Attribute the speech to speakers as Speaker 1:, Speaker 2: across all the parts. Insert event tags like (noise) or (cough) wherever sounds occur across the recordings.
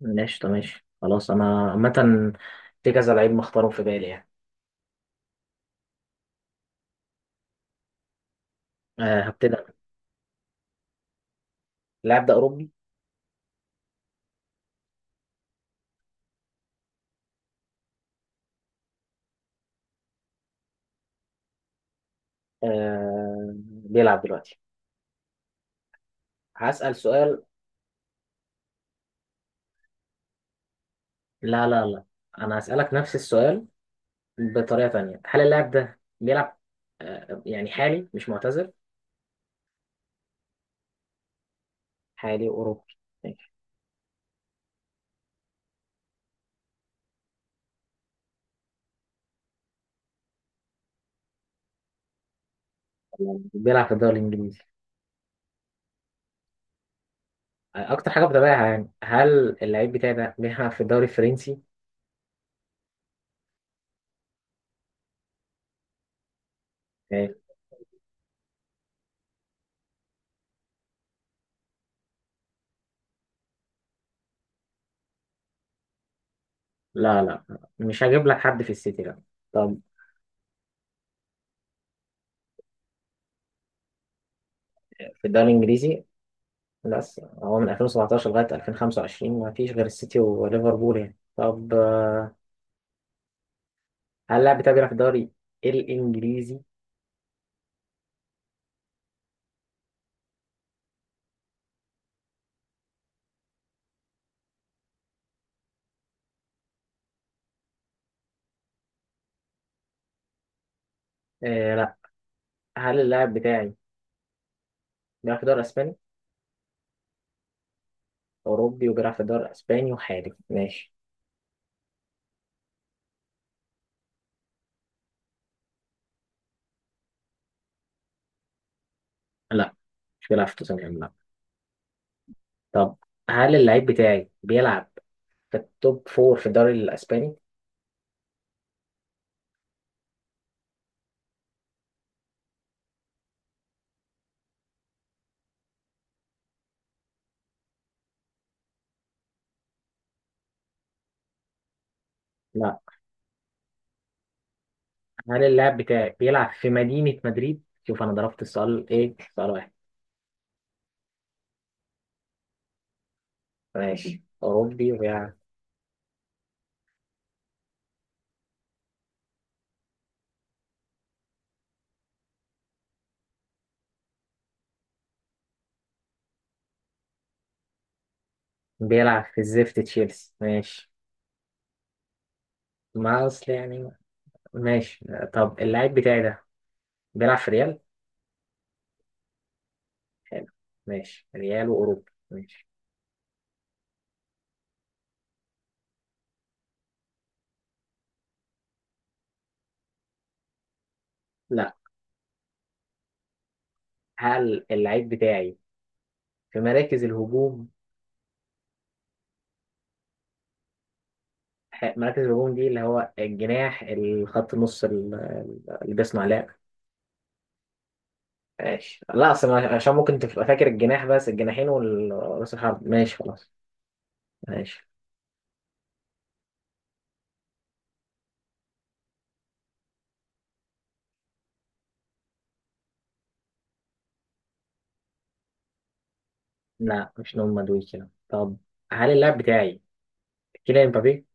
Speaker 1: ماشي، طب ماشي خلاص، انا عامة في كذا لعيب مختارهم في بالي يعني. أه هبتدي أنا. اللاعب ده اوروبي. أه بيلعب دلوقتي. هسأل سؤال. لا لا لا، انا هسألك نفس السؤال بطريقة تانية، هل اللاعب ده بيلعب أه يعني حالي مش معتزل؟ حالي اوروبي ماشي. بيلعب في الدوري الانجليزي. اكتر حاجة بتابعها يعني، هل اللعيب بتاعي ده بيلعب في الدوري الفرنسي؟ ماشي. لا لا، مش هجيب لك حد في السيتي لا. طب في الدوري الانجليزي، بس هو من 2017 لغاية 2025 ما فيش غير السيتي وليفربول يعني. طب هل اللاعب بتاعي بيلعب في الدوري الإنجليزي؟ آه لا. هل اللاعب بتاعي بيلعب في الدوري الإسباني؟ أوروبي وبيلعب في الدوري الإسباني وحالي ماشي. لا مش بيلعب في توتنهام لا. طب هل اللاعب بتاعي بيلعب في التوب فور في الدوري الإسباني؟ لا. هل اللاعب بتاعي بيلعب في مدينة مدريد؟ شوف أنا ضربت السؤال إيه؟ سؤال واحد. ماشي، أوروبي وبيلعب، بيلعب في الزفت تشيلسي ماشي. ما اصل يعني. ماشي. طب اللاعب بتاعي ده بيلعب في ريال. حلو. ماشي، ريال واوروبا ماشي. لا. هل اللاعب بتاعي في مراكز الهجوم؟ مراكز الهجوم دي اللي هو الجناح، الخط النص، اللي بيصنع لعب. ماشي، لا اصل عشان ممكن تبقى فاكر الجناح بس، الجناحين والراس الحرب. ماشي خلاص. ماشي. لا مش نوم مدوي كده. طب هل اللاعب بتاعي كيليان مبابي؟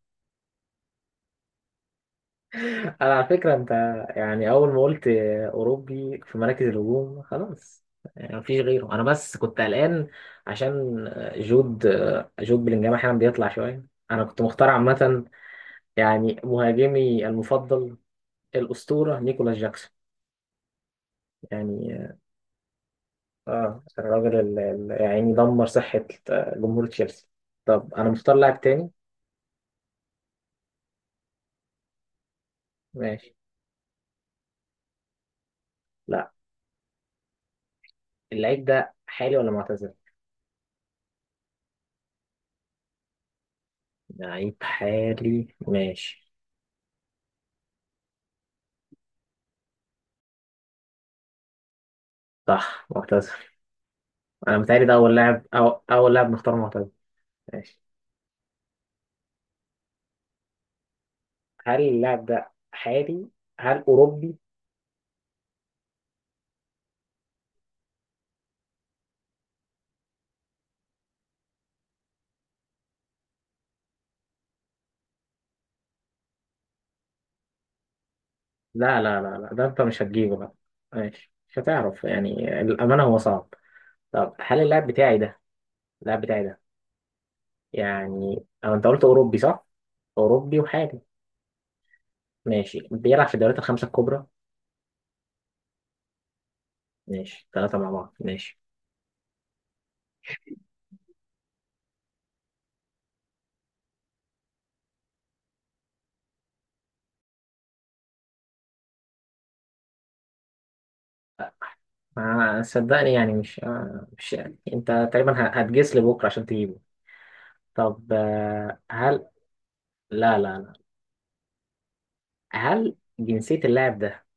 Speaker 1: انا على فكره انت، يعني اول ما قلت اوروبي في مراكز الهجوم خلاص، يعني مفيش غيره. انا بس كنت قلقان عشان جود، جود بلينجهام احيانا بيطلع شويه. انا كنت مختار عامه يعني مهاجمي المفضل الاسطوره نيكولاس جاكسون يعني. اه الراجل اللي يعني دمر صحه جمهور تشيلسي. طب انا مختار لاعب تاني. ماشي. لا، اللعيب ده حالي ولا معتزل؟ لعيب حالي ماشي. صح، معتزل. انا متهيألي ده اول لاعب، أو اول لاعب نختار معتزل. ماشي. هل اللاعب ده حالي؟ هل اوروبي؟ لا، ده انت مش هتجيبه بقى. ماشي، مش هتعرف يعني الامانه هو صعب. طب هل اللاعب بتاعي ده، اللاعب بتاعي ده يعني، او انت قلت اوروبي صح، اوروبي وحالي ماشي. بيلعب في الدوريات الخمسه الكبرى. ماشي، ثلاثه مع بعض ماشي. ما صدقني يعني، مش مش يعني. انت تقريبا هتجس لي بكره عشان تجيبه. طب هل لا لا لا؟ هل جنسيه اللاعب ده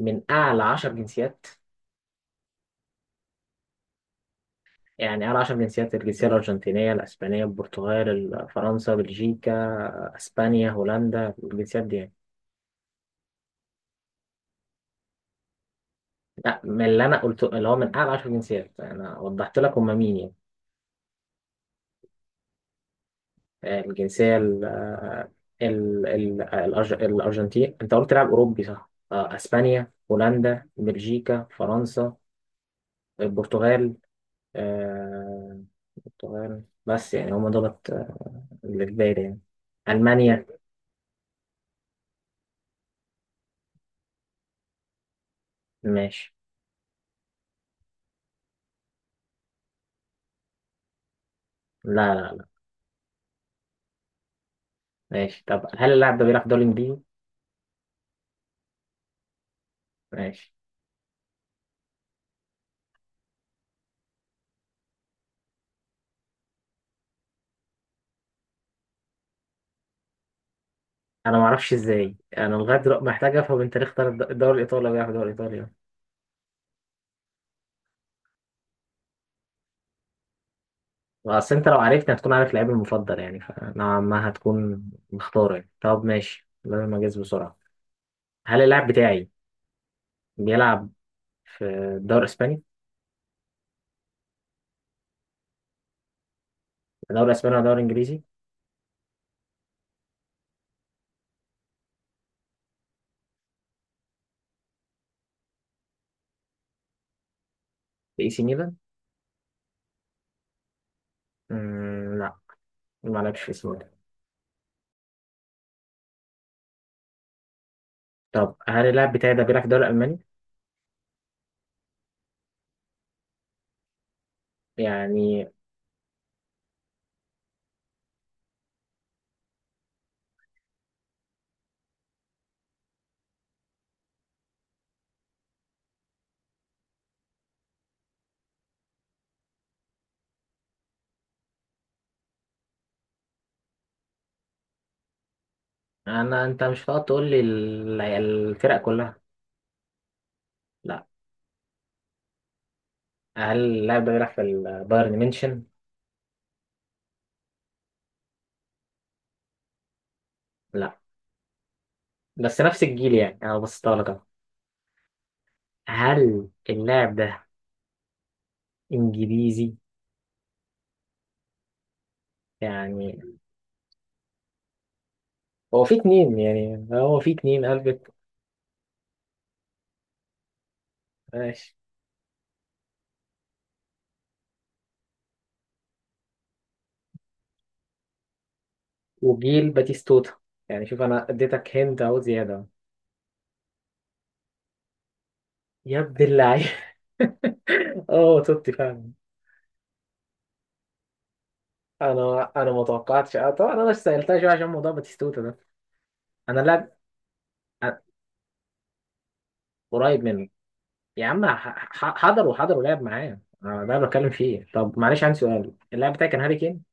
Speaker 1: من أعلى عشر جنسيات؟ يعني أعلى عشر جنسيات: الجنسية الأرجنتينية، الأسبانية، البرتغال، فرنسا، بلجيكا، أسبانيا، هولندا، الجنسيات دي يعني. لا، من اللي أنا قلته اللي هو من أعلى عشر جنسيات، أنا وضحت لك هما مين يعني. الجنسية ال الأرجنتين، أنت قلت لاعب أوروبي صح، أسبانيا، هولندا، بلجيكا، فرنسا، البرتغال، آه، البرتغال بس يعني، هما دولت اللي في بالي يعني ألمانيا. ماشي. لا لا. ماشي، طب هل اللاعب ده بيلعب دوري انجليزي؟ ماشي. انا ما اعرفش ازاي، انا لغايه دلوقتي محتاج افهم انت ليه اختار الدوري الايطالي ولا بيلعب الدوري الايطالي. اصل انت لو عرفت هتكون عارف لعيبي المفضل، يعني فنوعا ما هتكون مختار يعني. طب ماشي، لازم اجهز بسرعه. هل اللاعب بتاعي بيلعب في الدوري الاسباني؟ الدوري الاسباني ولا الدوري الانجليزي؟ في اي سي ميلان؟ لا، ما لعبش في اي سي ميلان. طب هل اللاعب بتاعي ده بيلعب في الدوري الالماني؟ يعني. انت مش هتقعد تقول لي الفرق كلها. لا. هل اللاعب ده بيلعب في البايرن ميونشن؟ لا، بس نفس الجيل يعني، انا بصيتها لك أهو. هل اللاعب ده انجليزي؟ يعني، هو في اتنين، يعني هو في اتنين قلبك. ماشي، وجيل باتيستوتا يعني. شوف انا اديتك هند اهو زياده. يا ابن اللعيب. (laughs) اه توتي فعلا. انا ما توقعتش. اه طبعا انا سالتها شويه عشان موضوع باتيستوتا ده. انا لاعب قريب منه، يا عم، حضر، وحضر ولعب معاه أنا، ده اللي بتكلم فيه. طب معلش عندي سؤال، اللاعب بتاعي كان هاري كين.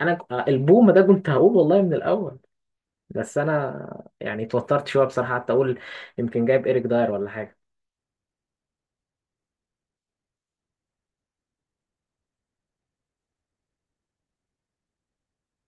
Speaker 1: انا البوم ده كنت هقول والله من الاول، بس انا يعني اتوترت شويه بصراحه، حتى اقول يمكن جايب ايريك داير ولا حاجه.